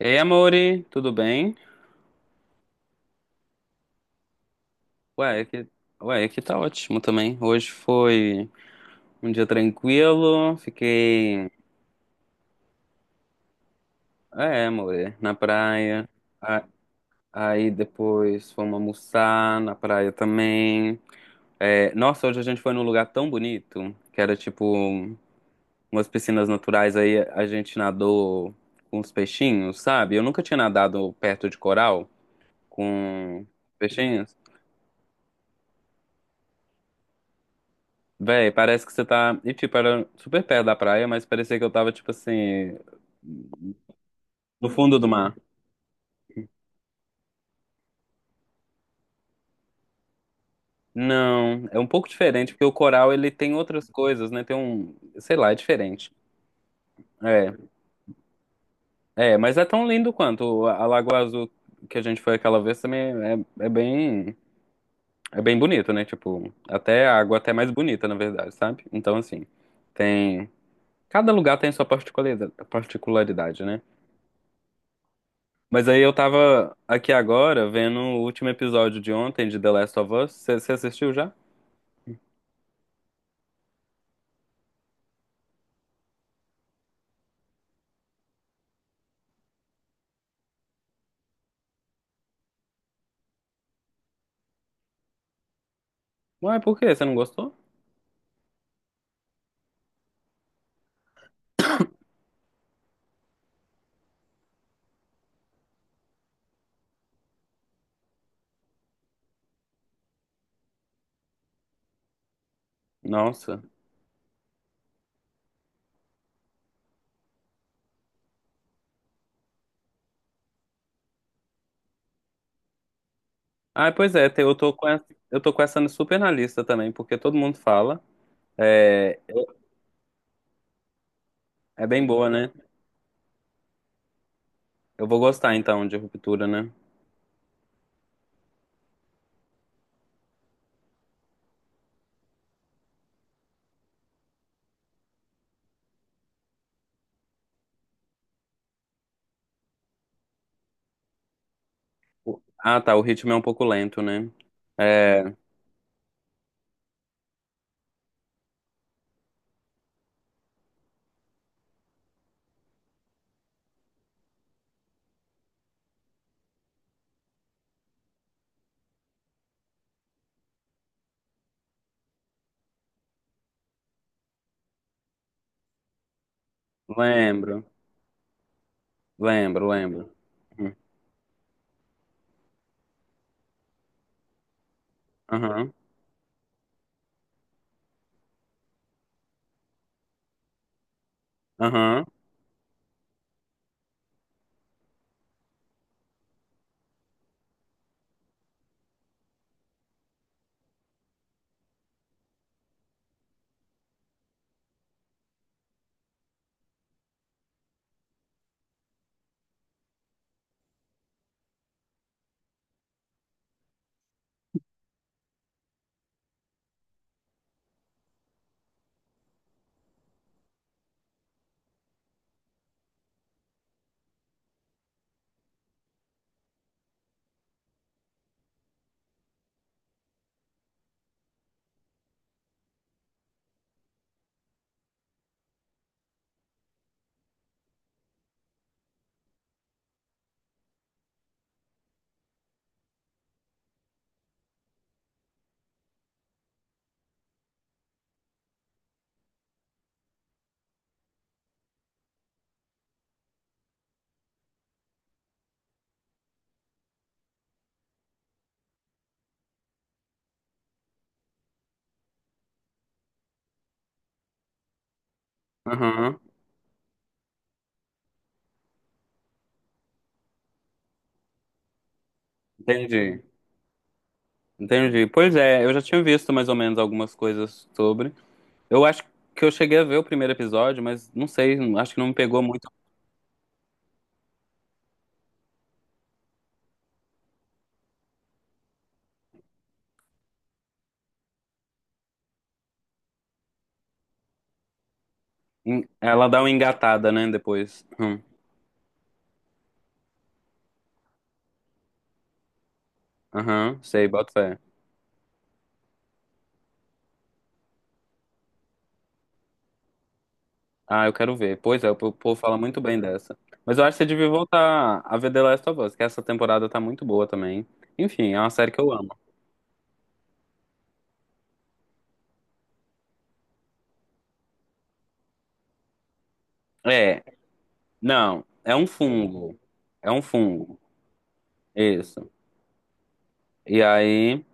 Ei, amore, tudo bem? Ué, aqui, aqui tá ótimo também. Hoje foi um dia tranquilo, amore, na praia. A- Aí depois fomos almoçar na praia também. Hoje a gente foi num lugar tão bonito, que era tipo umas piscinas naturais, aí a gente nadou com os peixinhos, sabe? Eu nunca tinha nadado perto de coral com peixinhos. Véi, parece que você tá. E tipo, era super perto da praia, mas parecia que eu tava, tipo assim. No fundo do mar. Não, é um pouco diferente, porque o coral ele tem outras coisas, né? Tem um. Sei lá, é diferente. É, mas é tão lindo quanto a Lagoa Azul que a gente foi aquela vez também é, é bem. É bem bonito, né? Tipo, até a água até é mais bonita, na verdade, sabe? Então, assim, tem. Cada lugar tem sua particularidade, né? Mas aí eu tava aqui agora vendo o último episódio de ontem de The Last of Us. Você assistiu já? Ué, por quê? Você não gostou? Nossa. Ah, pois é, eu tô com essa, eu tô com essa super na lista também, porque todo mundo fala. É, eu- É bem boa, né? Eu vou gostar então de Ruptura, né? Ah, tá, o ritmo é um pouco lento, né? É, lembro, lembro, lembro. Hum. Aham, aham, aham. Entendi, entendi. Pois é, eu já tinha visto mais ou menos algumas coisas sobre. Eu acho que eu cheguei a ver o primeiro episódio, mas não sei, acho que não me pegou muito. Hum. Ela dá uma engatada, né, depois. Hum. Aham, sei, bota fé. Ah, eu quero ver. Pois é, o povo fala muito bem dessa. Mas eu acho que você devia voltar a ver The Last of Us, que essa temporada tá muito boa também. Enfim, é uma série que eu amo. É, não, é um fungo. É um fungo, isso. E aí,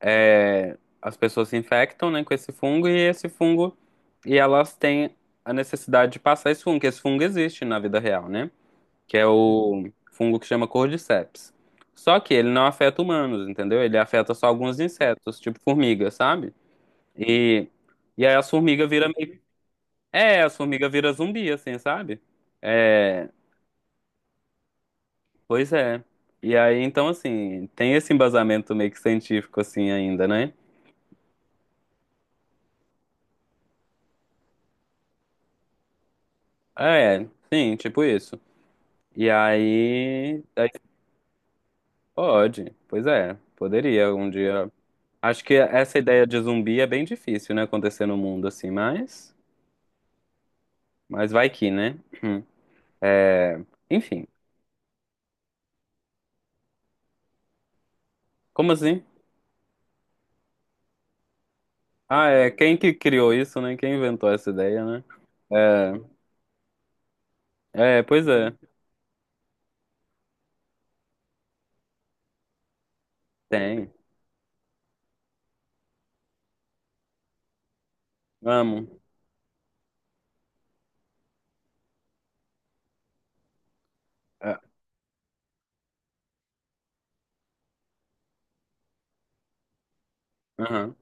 é, as pessoas se infectam, né, com esse fungo e elas têm a necessidade de passar esse fungo, que esse fungo existe na vida real, né? Que é o fungo que chama cordyceps. Só que ele não afeta humanos, entendeu? Ele afeta só alguns insetos, tipo formiga, sabe? E e aí as formigas viram meio... É, as formigas viram zumbi, assim, sabe? É, pois é. E aí, então, assim, tem esse embasamento meio que científico, assim, ainda, né? É, sim, tipo isso. E aí, aí Pode. Pois é, poderia um dia. Acho que essa ideia de zumbi é bem difícil, né, acontecer no mundo assim, mas vai que, né? Hum. É, enfim. Como assim? Ah, é, quem que criou isso, né? Quem inventou essa ideia, né? Pois é. Tem. Amo. É, aham.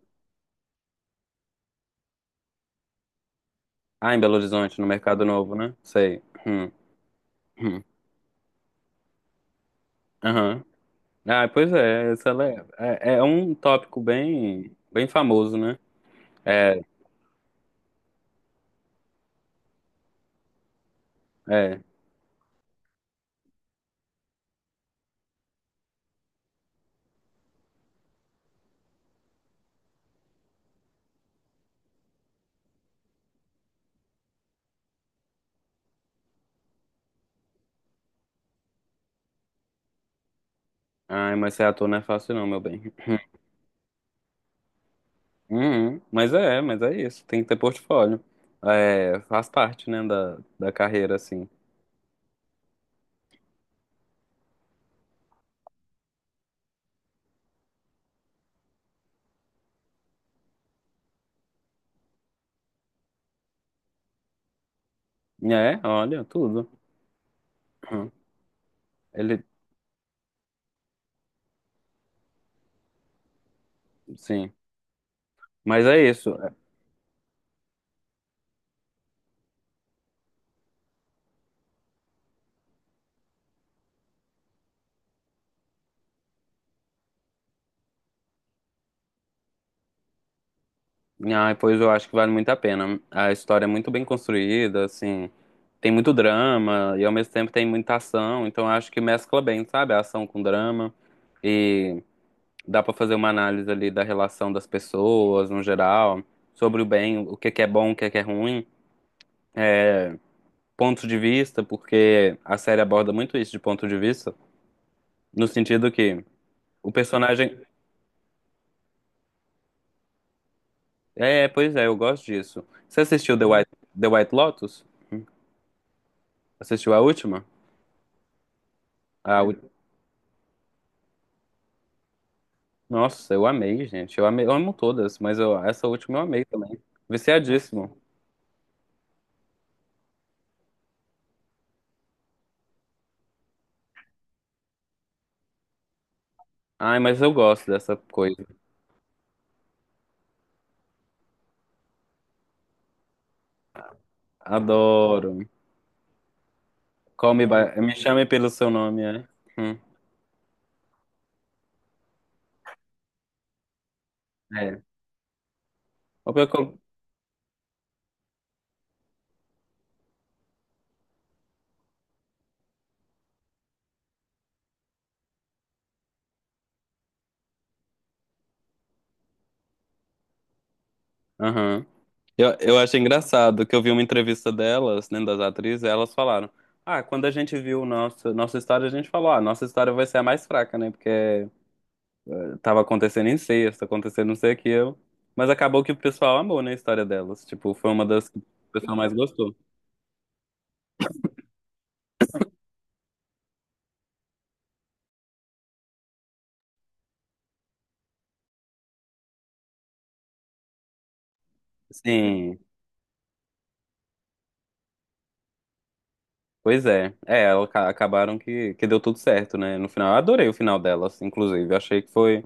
Ah, em Belo Horizonte, no Mercado Novo, né? Sei. Hum. Aham. Ah, pois é, é um tópico bem, bem famoso, né? É. É. Ai, mas ser ator não é fácil não, meu bem. Uhum. Mas é isso. Tem que ter portfólio. É, faz parte, né, da carreira, assim. É, olha, tudo. Uhum. Ele, sim. Mas é isso. Ai, pois eu acho que vale muito a pena. A história é muito bem construída, assim. Tem muito drama e ao mesmo tempo tem muita ação. Então eu acho que mescla bem, sabe? A ação com drama. Dá para fazer uma análise ali da relação das pessoas no geral, sobre o bem, o que é bom, o que é ruim, pontos de vista, porque a série aborda muito isso de ponto de vista, no sentido que o personagem. É, pois é, eu gosto disso. Você assistiu The White Lotus? Assistiu a última? A ú- Nossa, eu amei, gente. Eu amei, eu amo todas, essa última eu amei também. Viciadíssimo. Ai, mas eu gosto dessa coisa. Adoro. Me chame pelo seu nome, é. Hum, é. O pior que eu, aham. Eu acho engraçado que eu vi uma entrevista delas, né, das atrizes, e elas falaram: Ah, quando a gente viu nossa história, a gente falou: Ah, nossa história vai ser a mais fraca, né? Porque tava acontecendo incesto, acontecendo não sei o que eu. Mas acabou que o pessoal amou, né, a história delas. Tipo, foi uma das que o pessoal mais gostou. Sim, pois é. É, elas acabaram que deu tudo certo, né? No final, eu adorei o final delas, inclusive. Eu achei que foi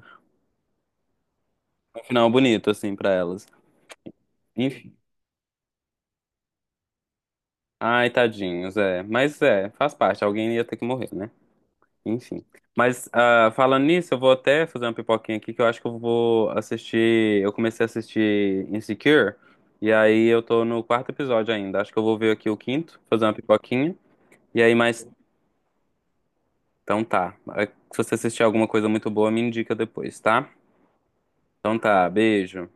um final bonito, assim, pra elas. Ai, tadinhos, é. Mas é, faz parte. Alguém ia ter que morrer, né? Enfim. Mas ah, falando nisso, eu vou até fazer uma pipoquinha aqui que eu acho que eu vou assistir. Eu comecei a assistir Insecure, e aí eu tô no quarto episódio ainda. Acho que eu vou ver aqui o quinto, fazer uma pipoquinha. E aí, mas. Então tá. Se você assistir alguma coisa muito boa, me indica depois, tá? Então tá, beijo.